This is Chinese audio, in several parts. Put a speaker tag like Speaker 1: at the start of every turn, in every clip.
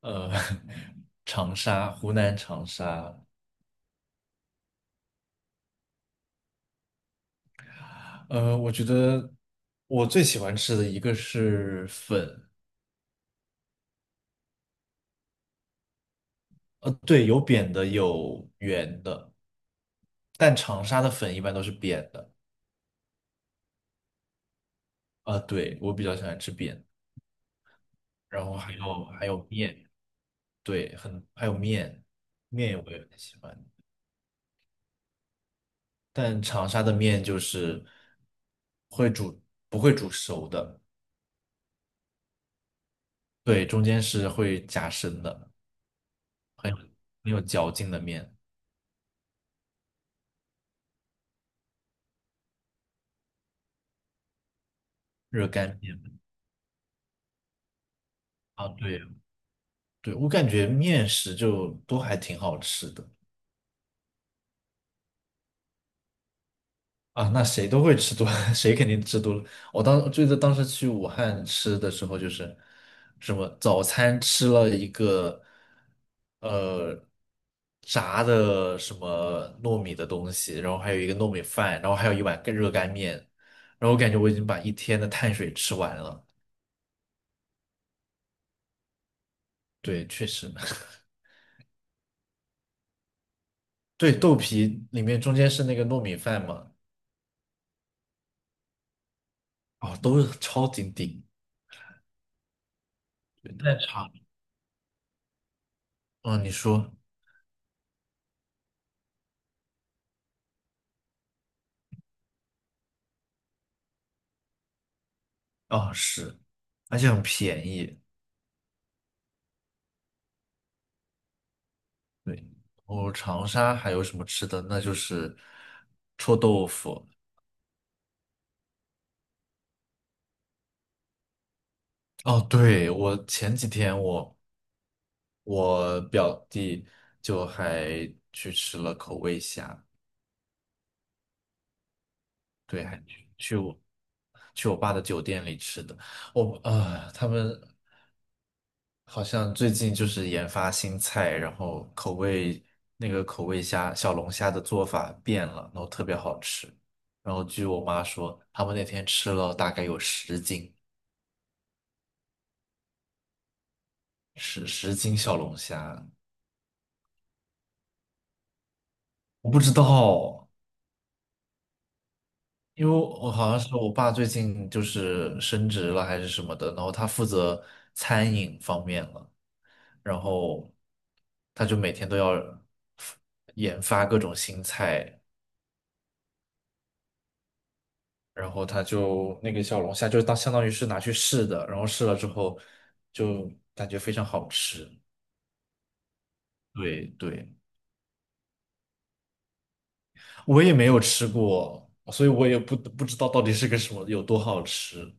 Speaker 1: 呃，长沙，湖南长沙。我觉得我最喜欢吃的一个是粉。对，有扁的，有圆的，但长沙的粉一般都是扁的。啊、对，我比较喜欢吃扁，然后还有面。对，很还有面，面我也很喜欢，但长沙的面就是会煮，不会煮熟的。对，中间是会夹生的，很有嚼劲的面。热干面。啊，对对，我感觉面食就都还挺好吃的。啊，那谁都会吃多，谁肯定吃多了。我当记得当时去武汉吃的时候，就是什么早餐吃了一个呃炸的什么糯米的东西，然后还有一个糯米饭，然后还有一碗干热干面，然后我感觉我已经把一天的碳水吃完了。对，确实。对，豆皮里面中间是那个糯米饭嘛。哦，都是超级顶。对，在场，嗯，你说。啊是，而且很便宜。对，然后长沙还有什么吃的？那就是臭豆腐。哦，对，我前几天我表弟就还去吃了口味虾。对，还去我我爸的酒店里吃的。我啊、他们好像最近就是研发新菜，然后口味那个口味虾小龙虾的做法变了，然后特别好吃。然后据我妈说，他们那天吃了大概有十斤，十斤小龙虾。我不知道，因为我好像是我爸最近就是升职了还是什么的，然后他负责餐饮方面了，然后他就每天都要研发各种新菜，然后他就那个小龙虾就当相当于是拿去试的，然后试了之后就感觉非常好吃。对对，我也没有吃过，所以我也不知道到底是个什么，有多好吃。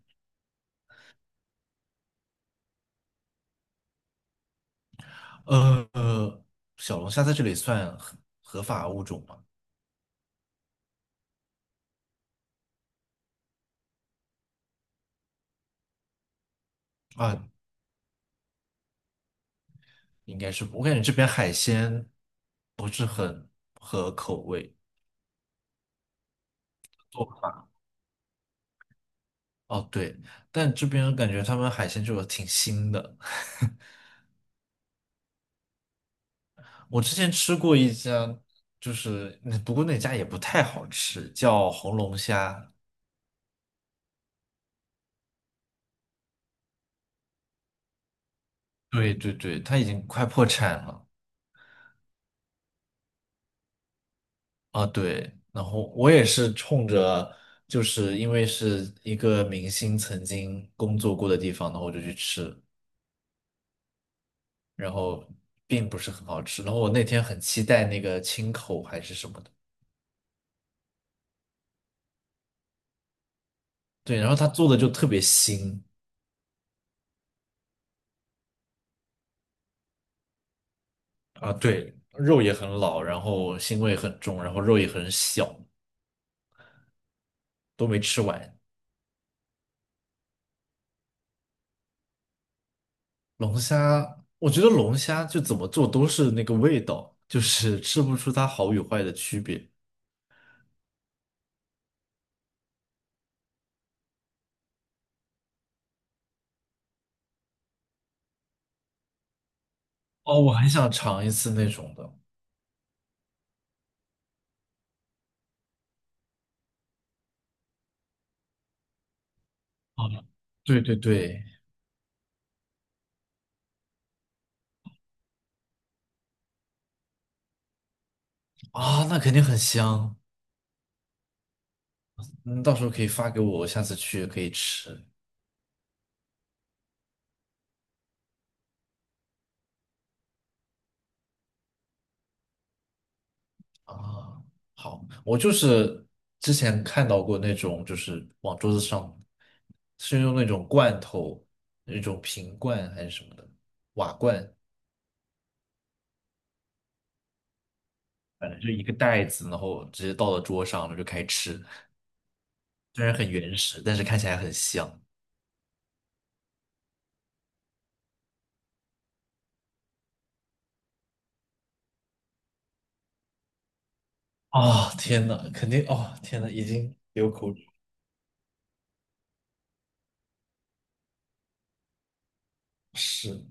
Speaker 1: 呃，小龙虾在这里算合法物种吗？啊，应该是不我感觉这边海鲜不是很合口味做法。哦，对，但这边感觉他们海鲜就挺腥的。我之前吃过一家，就是那不过那家也不太好吃，叫红龙虾。对对对，它已经快破产了。啊，对，然后我也是冲着，就是因为是一个明星曾经工作过的地方，然后我就去吃，然后并不是很好吃。然后我那天很期待那个清口还是什么的，对，然后他做的就特别腥。啊，对，肉也很老，然后腥味很重，然后肉也很小，都没吃完。龙虾，我觉得龙虾就怎么做都是那个味道，就是吃不出它好与坏的区别。哦，我很想尝一次那种的。啊，对对对。啊，那肯定很香。嗯，到时候可以发给我，我下次去也可以吃。啊，好，我就是之前看到过那种，就是往桌子上是用那种罐头，那种瓶罐还是什么的瓦罐，反正就一个袋子，然后直接倒到桌上了就开始吃。虽然很原始，但是看起来很香。啊、天呐，肯定哦，天呐，已经流口水。是，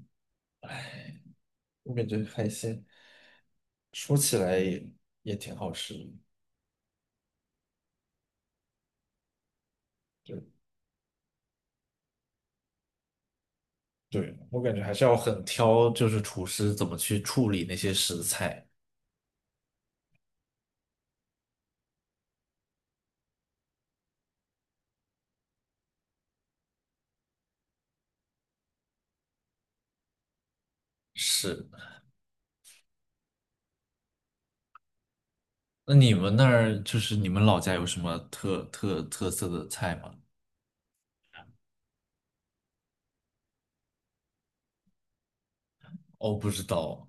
Speaker 1: 我感觉海鲜说起来也也挺好吃的。对对，我感觉还是要很挑，就是厨师怎么去处理那些食材。是，那你们那儿就是你们老家有什么特色的菜吗？哦，不知道。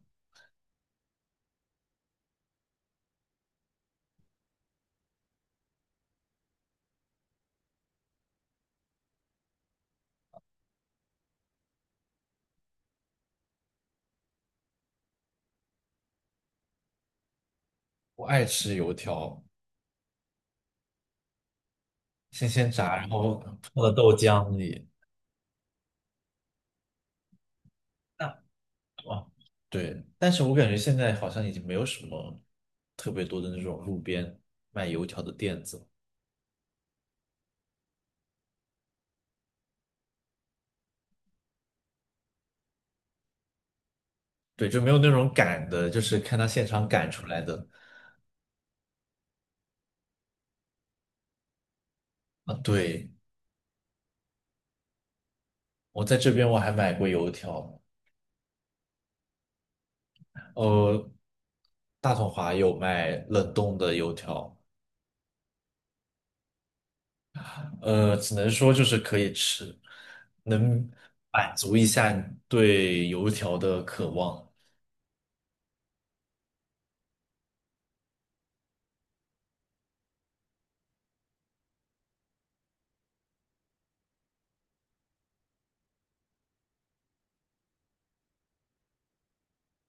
Speaker 1: 我爱吃油条，新鲜炸，然后泡到豆浆里。啊，对，但是我感觉现在好像已经没有什么特别多的那种路边卖油条的店子了。对，就没有那种擀的，就是看他现场擀出来的。啊，对，我在这边我还买过油条。呃，大统华有卖冷冻的油条。只能说就是可以吃，能满足一下你对油条的渴望。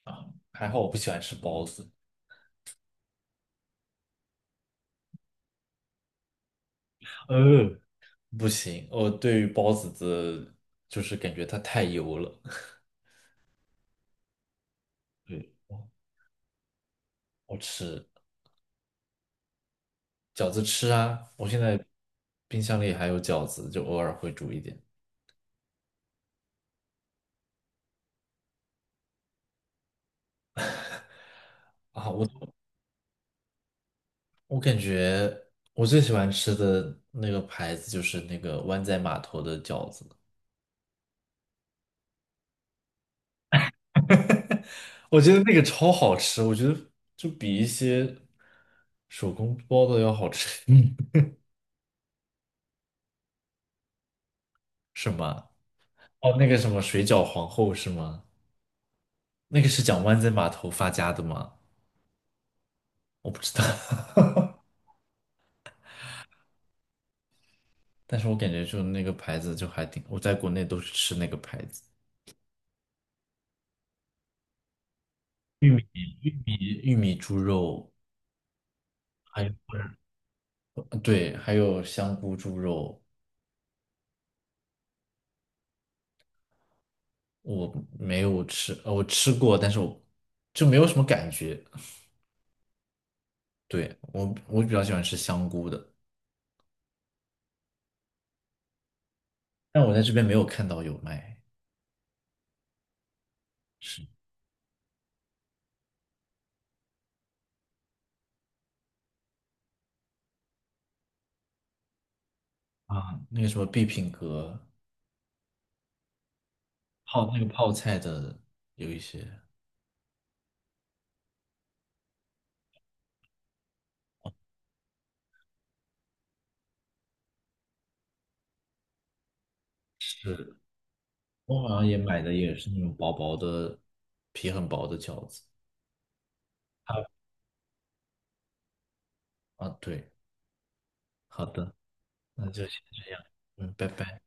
Speaker 1: 啊，还好我不喜欢吃包子。呃，不行，我对于包子的，就是感觉它太油了。对，我吃饺子吃啊，我现在冰箱里还有饺子，就偶尔会煮一点。啊，我感觉我最喜欢吃的那个牌子就是那个湾仔码头的饺子，我觉得那个超好吃，我觉得就比一些手工包的要好吃。嗯，是吗？哦，那个什么水饺皇后是吗？那个是讲湾仔码头发家的吗？我不知道。但是我感觉就那个牌子就还挺，我在国内都是吃那个牌子，玉米玉米玉米猪肉。还有对，还有香菇猪肉。我没有吃，我吃过，但是我就没有什么感觉。对，我我比较喜欢吃香菇的，但我在这边没有看到有卖。是啊，那个什么必品阁泡那个泡菜的有一些是，我好像也买的也是那种薄薄的皮很薄的饺子。它啊，对。好的，那就先这样。嗯，拜拜。